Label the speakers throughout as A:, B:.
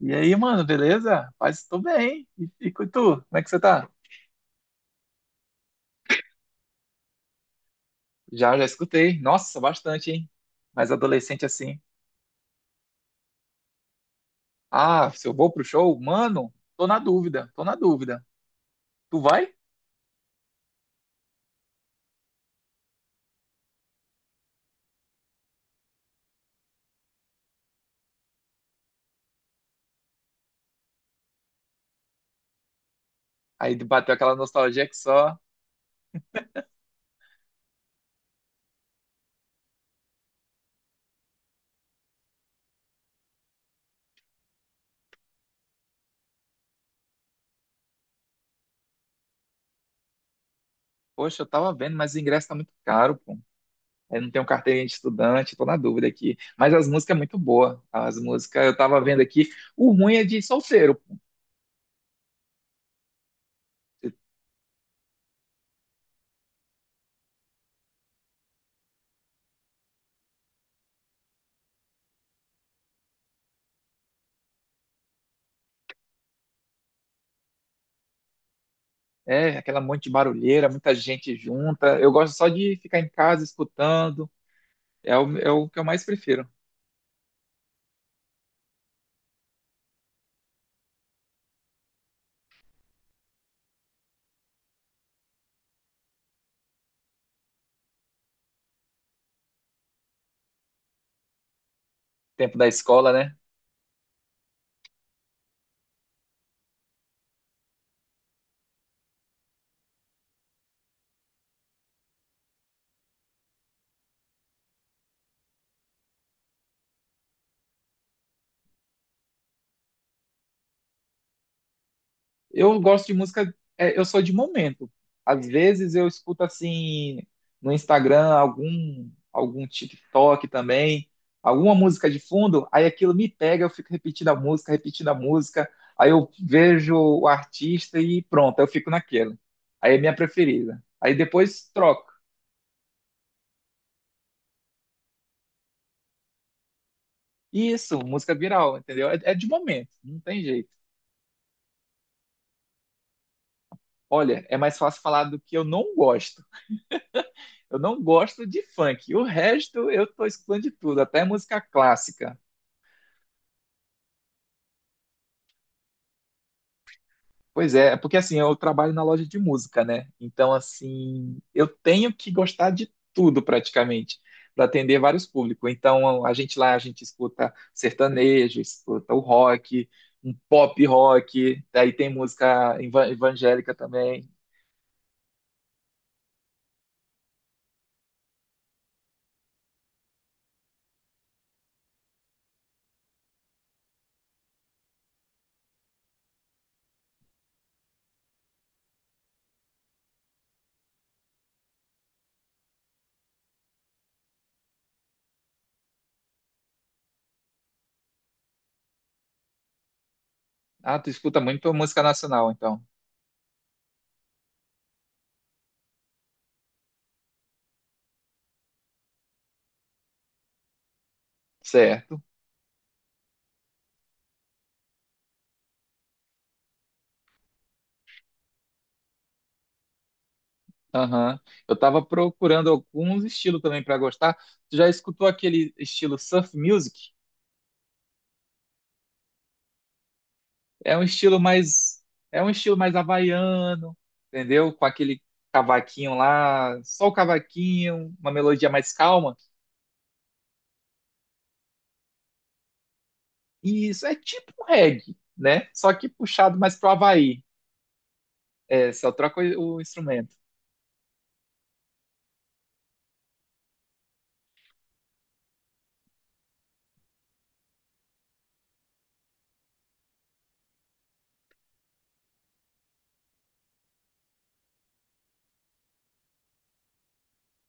A: E aí, mano, beleza? Paz, tô bem. E tu, como é que você tá? Já, já escutei. Nossa, bastante, hein? Mas adolescente assim. Ah, se eu vou pro show, mano, tô na dúvida, tô na dúvida. Tu vai? Aí bateu aquela nostalgia que só, poxa, eu tava vendo, mas o ingresso tá muito caro, pô. Eu não tenho carteirinha de estudante, tô na dúvida aqui. Mas as músicas é muito boa. As músicas eu tava vendo aqui. O ruim é de solteiro, pô. É, aquela monte de barulheira, muita gente junta. Eu gosto só de ficar em casa escutando. É o que eu mais prefiro. Tempo da escola, né? Eu gosto de música, é, eu sou de momento. Às vezes eu escuto assim no Instagram algum TikTok também, alguma música de fundo, aí aquilo me pega, eu fico repetindo a música, aí eu vejo o artista e pronto, eu fico naquilo. Aí é minha preferida. Aí depois troco. Isso, música viral, entendeu? É de momento, não tem jeito. Olha, é mais fácil falar do que eu não gosto. Eu não gosto de funk. O resto eu tô escutando de tudo, até música clássica. Pois é porque assim, eu trabalho na loja de música, né? Então, assim, eu tenho que gostar de tudo praticamente, para atender vários públicos. Então, a gente lá, a gente escuta sertanejo, escuta o rock, um pop rock, daí tem música evangélica também. Ah, tu escuta muito música nacional, então. Certo. Aham. Eu tava procurando alguns estilos também para gostar. Tu já escutou aquele estilo surf music? É um estilo mais é um estilo mais havaiano, entendeu? Com aquele cavaquinho lá, só o cavaquinho, uma melodia mais calma. E isso é tipo um reggae, né? Só que puxado mais pro Havaí. É, só troca o instrumento.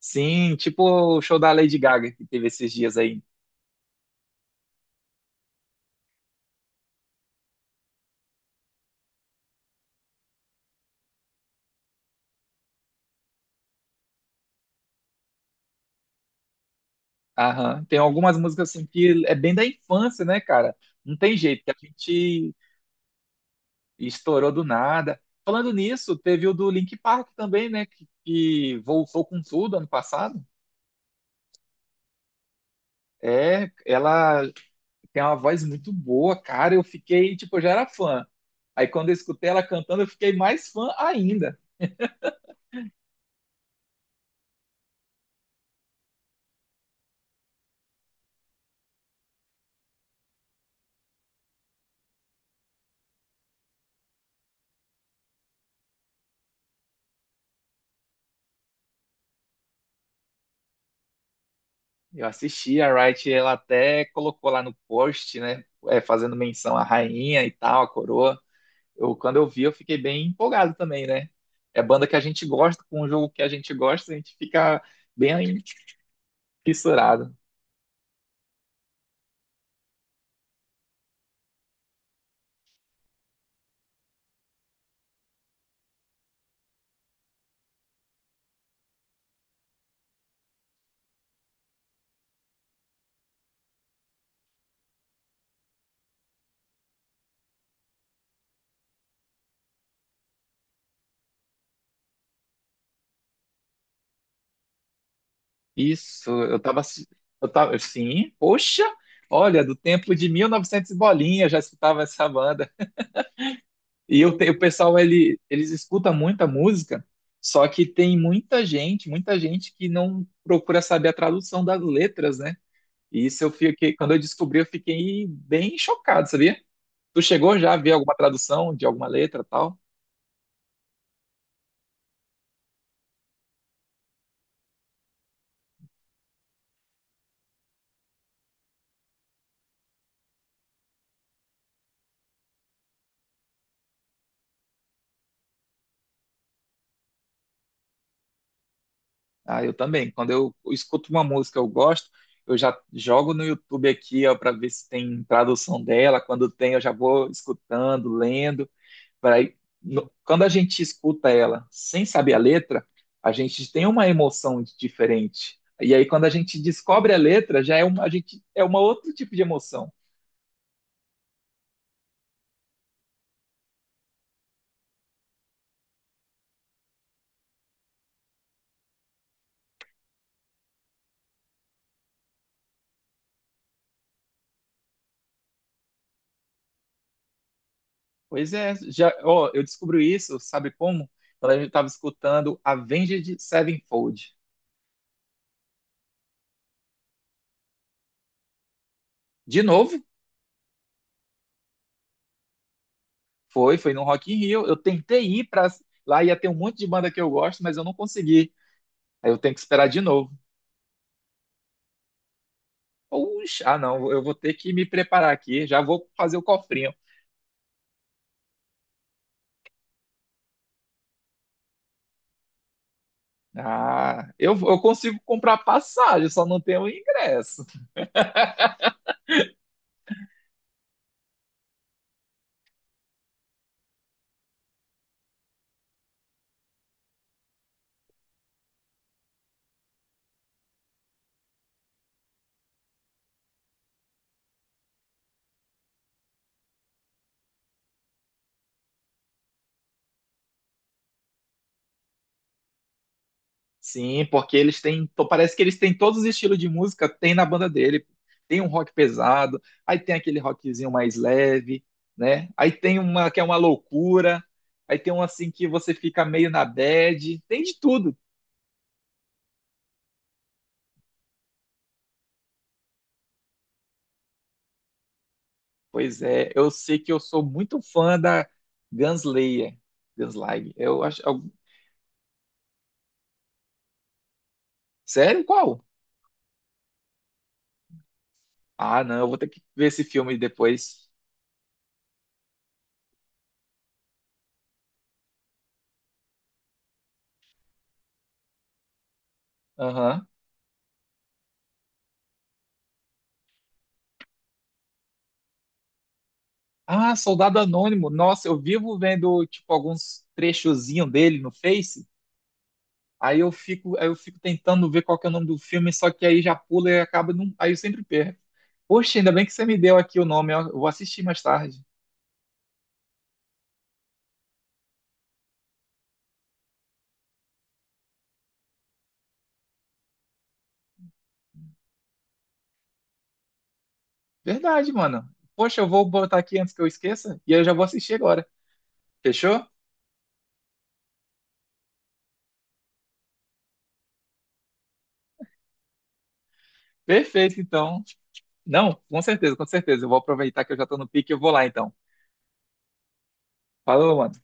A: Sim, tipo o show da Lady Gaga que teve esses dias aí. Aham. Tem algumas músicas assim que é bem da infância, né, cara? Não tem jeito, que a gente e estourou do nada. Falando nisso, teve o do Link Park também, né? Que voltou com tudo ano passado. É, ela tem uma voz muito boa, cara. Eu fiquei, tipo, eu já era fã. Aí quando eu escutei ela cantando, eu fiquei mais fã ainda. Eu assisti a Wright, ela até colocou lá no post, né? Fazendo menção à rainha e tal, à coroa. Eu, quando eu vi, eu fiquei bem empolgado também, né? É banda que a gente gosta, com um jogo que a gente gosta, a gente fica bem fissurado. Isso, eu tava, sim, poxa, olha, do tempo de 1900 e novecentos e bolinha, eu já escutava essa banda. O pessoal, eles escutam muita música, só que tem muita gente que não procura saber a tradução das letras, né? E isso eu fiquei, quando eu descobri, eu fiquei bem chocado, sabia? Tu chegou já a ver alguma tradução de alguma letra, tal? Ah, eu também. Quando eu escuto uma música que eu gosto, eu já jogo no YouTube aqui, ó, para ver se tem tradução dela. Quando tem, eu já vou escutando, lendo. Pra aí- no- Quando a gente escuta ela sem saber a letra, a gente tem uma emoção diferente. E aí, quando a gente descobre a letra, já é uma, a gente, é uma outro tipo de emoção. Pois é, já, ó, eu descobri isso, sabe como? Quando a gente estava escutando Avenged Sevenfold. De novo, foi no Rock in Rio. Eu tentei ir para lá, ia ter um monte de banda que eu gosto, mas eu não consegui. Aí eu tenho que esperar de novo. Puxa, ah não, eu vou ter que me preparar aqui, já vou fazer o cofrinho. Ah, eu consigo comprar passagem, só não tenho ingresso. Sim, porque parece que eles têm todos os estilos de música, tem na banda dele. Tem um rock pesado, aí tem aquele rockzinho mais leve, né? Aí tem uma que é uma loucura, aí tem um assim que você fica meio na bad, tem de tudo. Pois é, eu sei que eu sou muito fã da Gunslayer. Gunslayer. Eu acho. Sério? Qual? Ah, não, eu vou ter que ver esse filme depois. Aham. Ah, Soldado Anônimo. Nossa, eu vivo vendo, tipo, alguns trechozinhos dele no Face. Aí eu fico tentando ver qual que é o nome do filme, só que aí já pula e acaba. Aí eu sempre perco. Poxa, ainda bem que você me deu aqui o nome, eu vou assistir mais tarde. Verdade, mano. Poxa, eu vou botar aqui antes que eu esqueça e aí eu já vou assistir agora. Fechou? Perfeito, então. Não, com certeza, com certeza. Eu vou aproveitar que eu já estou no pique e eu vou lá, então. Falou, mano.